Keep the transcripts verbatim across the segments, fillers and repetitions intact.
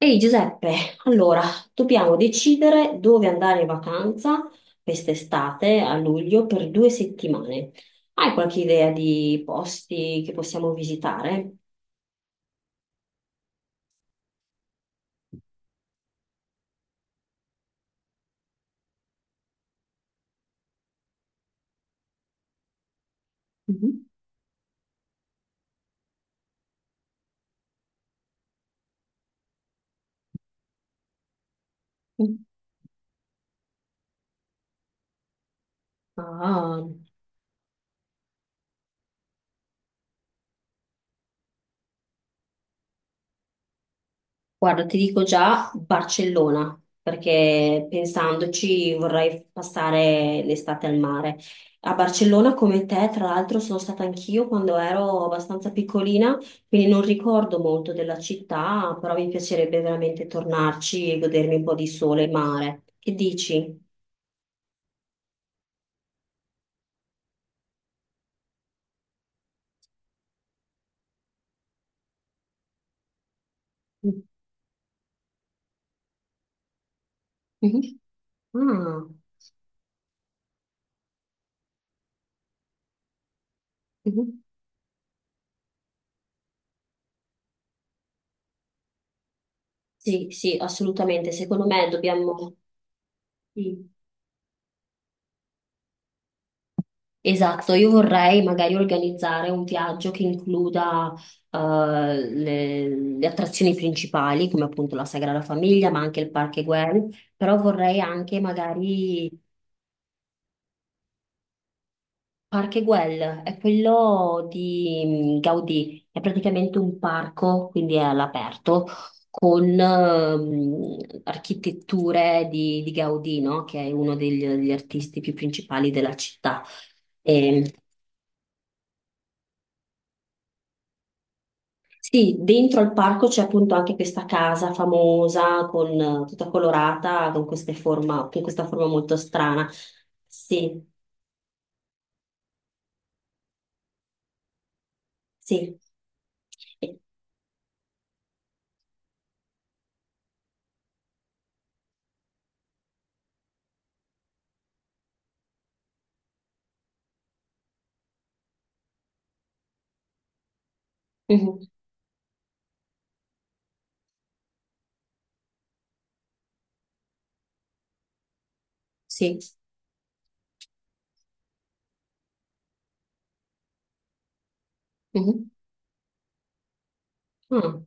Ehi Giuseppe, allora dobbiamo decidere dove andare in vacanza quest'estate a luglio per due settimane. Hai qualche idea di posti che possiamo visitare? Mhm. Mm. Ah. Guarda, ti dico già Barcellona, perché pensandoci vorrei passare l'estate al mare. A Barcellona, come te, tra l'altro, sono stata anch'io quando ero abbastanza piccolina, quindi non ricordo molto della città, però mi piacerebbe veramente tornarci e godermi un po' di sole e mare. Che dici? Mhm, ah, mhm. Sì, sì, assolutamente. Secondo me dobbiamo... sì. Esatto, io vorrei magari organizzare un viaggio che includa eh, le, le attrazioni principali, come appunto la Sagrada Famiglia, ma anche il Parque Güell, però vorrei anche magari Parque Güell, è quello di mm, Gaudì, è praticamente un parco, quindi è all'aperto, con ehm, architetture di, di Gaudì, no? Che è uno degli, degli artisti più principali della città. E sì, dentro al parco c'è appunto anche questa casa famosa, con, eh, tutta colorata, con queste forma, con questa forma molto strana. Sì, sì. E- mhm, sì. Mhm. Ah,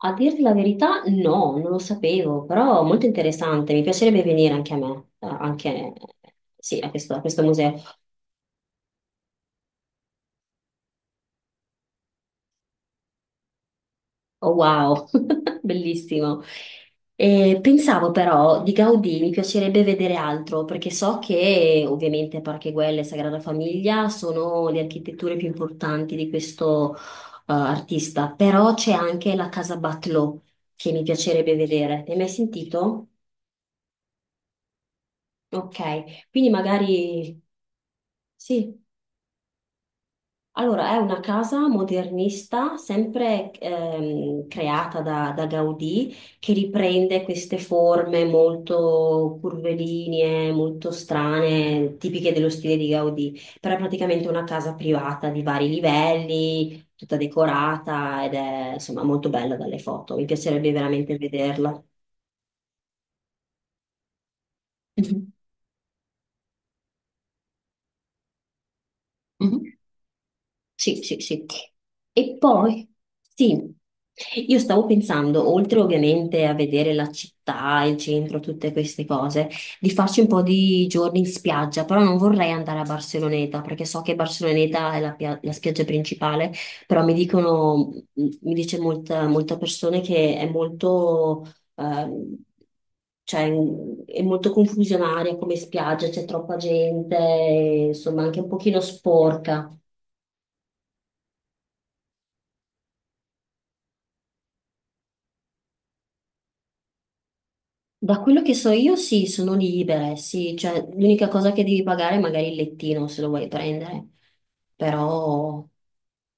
a dirti la verità, no, non lo sapevo, però molto interessante. Mi piacerebbe venire anche a me, eh, anche sì, a questo, a questo museo. Oh, wow, bellissimo. Eh, pensavo però di Gaudì mi piacerebbe vedere altro perché so che ovviamente Parcheguel e Sagrada Famiglia sono le architetture più importanti di questo eh, artista, però c'è anche la Casa Batlló che mi piacerebbe vedere. Ne hai mai sentito? Ok, quindi magari sì. Allora, è una casa modernista, sempre ehm, creata da, da Gaudì, che riprende queste forme molto curvilinee, molto strane, tipiche dello stile di Gaudì. Però è praticamente una casa privata di vari livelli, tutta decorata ed è insomma molto bella dalle foto. Mi piacerebbe veramente vederla. Mhm, mhm. Sì, sì, sì. E poi, sì, io stavo pensando, oltre ovviamente a vedere la città, il centro, tutte queste cose, di farci un po' di giorni in spiaggia, però non vorrei andare a Barceloneta, perché so che Barceloneta è la, pia- la spiaggia principale, però mi dicono, mi dice molta, molta persone che è molto... ehm, cioè è molto confusionaria come spiaggia, c'è troppa gente, insomma anche un pochino sporca. Da quello che so io, sì, sono libere, sì, cioè l'unica cosa che devi pagare è magari il lettino se lo vuoi prendere, però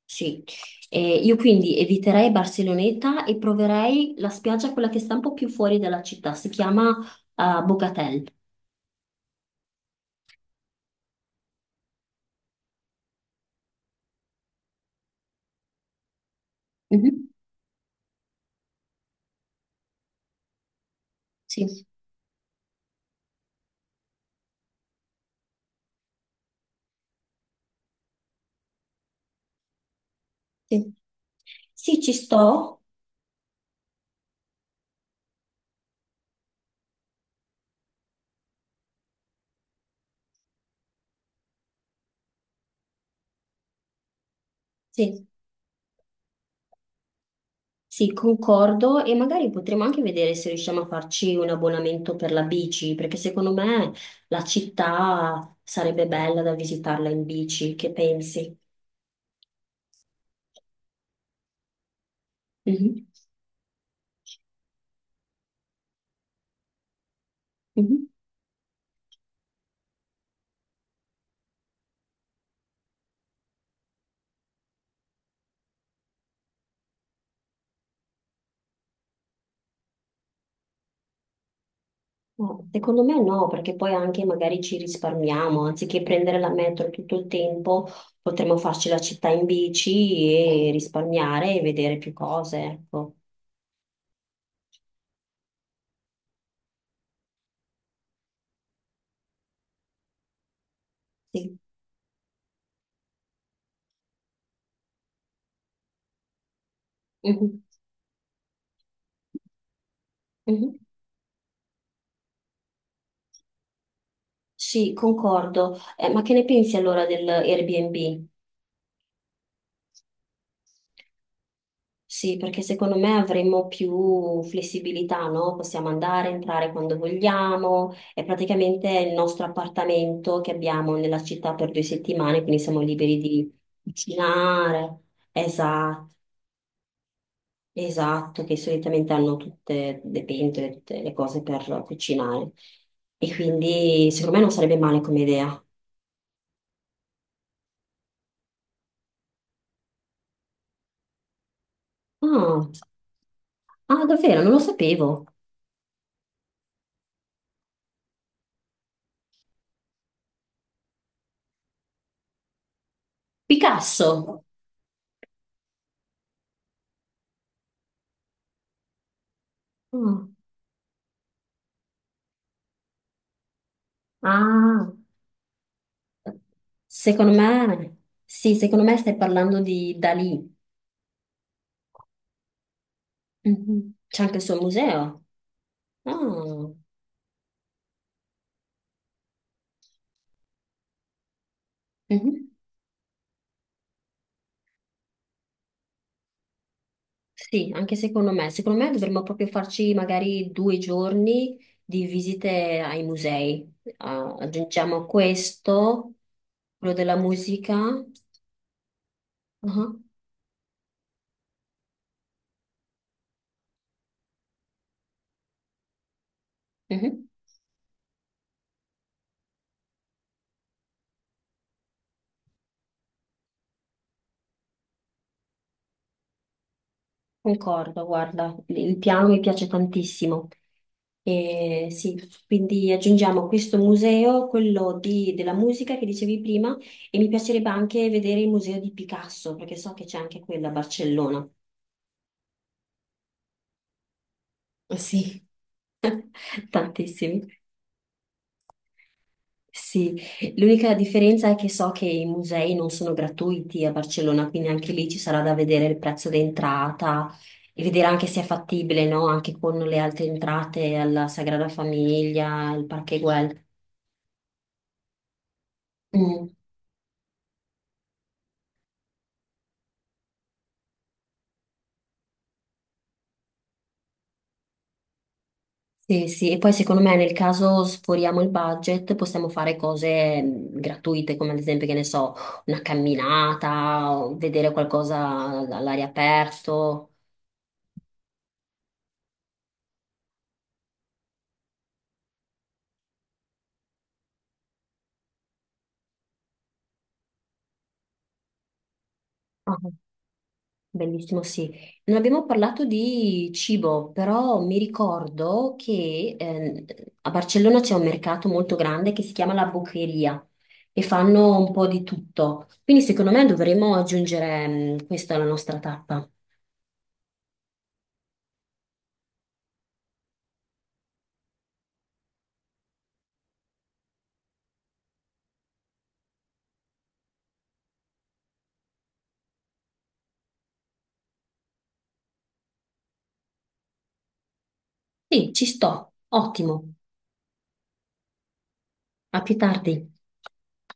sì. E io quindi eviterei Barceloneta e proverei la spiaggia, quella che sta un po' più fuori dalla città, si chiama eh, Bogatel. Mhm. Sì, sì. Sì, ci sto, sì. Sì, concordo e magari potremo anche vedere se riusciamo a farci un abbonamento per la bici, perché secondo me la città sarebbe bella da visitarla in bici, che pensi? Mhm, mhm. No, secondo me no, perché poi anche magari ci risparmiamo, anziché prendere la metro tutto il tempo, potremmo farci la città in bici e risparmiare e vedere più cose, ecco. Sì. Mhm, mhm. Sì, concordo. Eh, ma che ne pensi allora dell'Airbnb? Sì, perché secondo me avremmo più flessibilità, no? Possiamo andare, entrare quando vogliamo. È praticamente il nostro appartamento che abbiamo nella città per due settimane, quindi siamo liberi di cucinare. Esatto, esatto, che solitamente hanno tutte le pentole, tutte le cose per cucinare. E quindi secondo me non sarebbe male come idea. Ah, ah, davvero, non lo sapevo. Picasso. Ah. Ah. Secondo me, sì, secondo me stai parlando di Dalì. Mhm. C'è anche il suo museo. Ah, mhm. Sì, anche secondo me. Secondo me dovremmo proprio farci magari due giorni di visite ai musei. Ah, aggiungiamo questo, quello della musica. Ah, mhm. Concordo, guarda, il piano mi piace tantissimo. E sì, quindi aggiungiamo questo museo, quello di- della musica che dicevi prima, e mi piacerebbe anche vedere il museo di Picasso, perché so che c'è anche quello a Barcellona. Sì. Tantissimi. Sì, l'unica differenza è che so che i musei non sono gratuiti a Barcellona, quindi anche lì ci sarà da vedere il prezzo d'entrata e vedere anche se è fattibile, no? Anche con le altre entrate alla Sagrada Famiglia, il Parque Güell. Mm. Sì, sì, e poi secondo me nel caso sforiamo il budget possiamo fare cose mh, gratuite, come ad esempio, che ne so, una camminata, o vedere qualcosa all'aria aperto. Ah, bellissimo, sì. Non abbiamo parlato di cibo, però mi ricordo che ehm, a Barcellona c'è un mercato molto grande che si chiama La Boqueria e fanno un po' di tutto. Quindi secondo me dovremmo aggiungere mh, questa alla nostra tappa. Sì, ci sto, ottimo. A più tardi.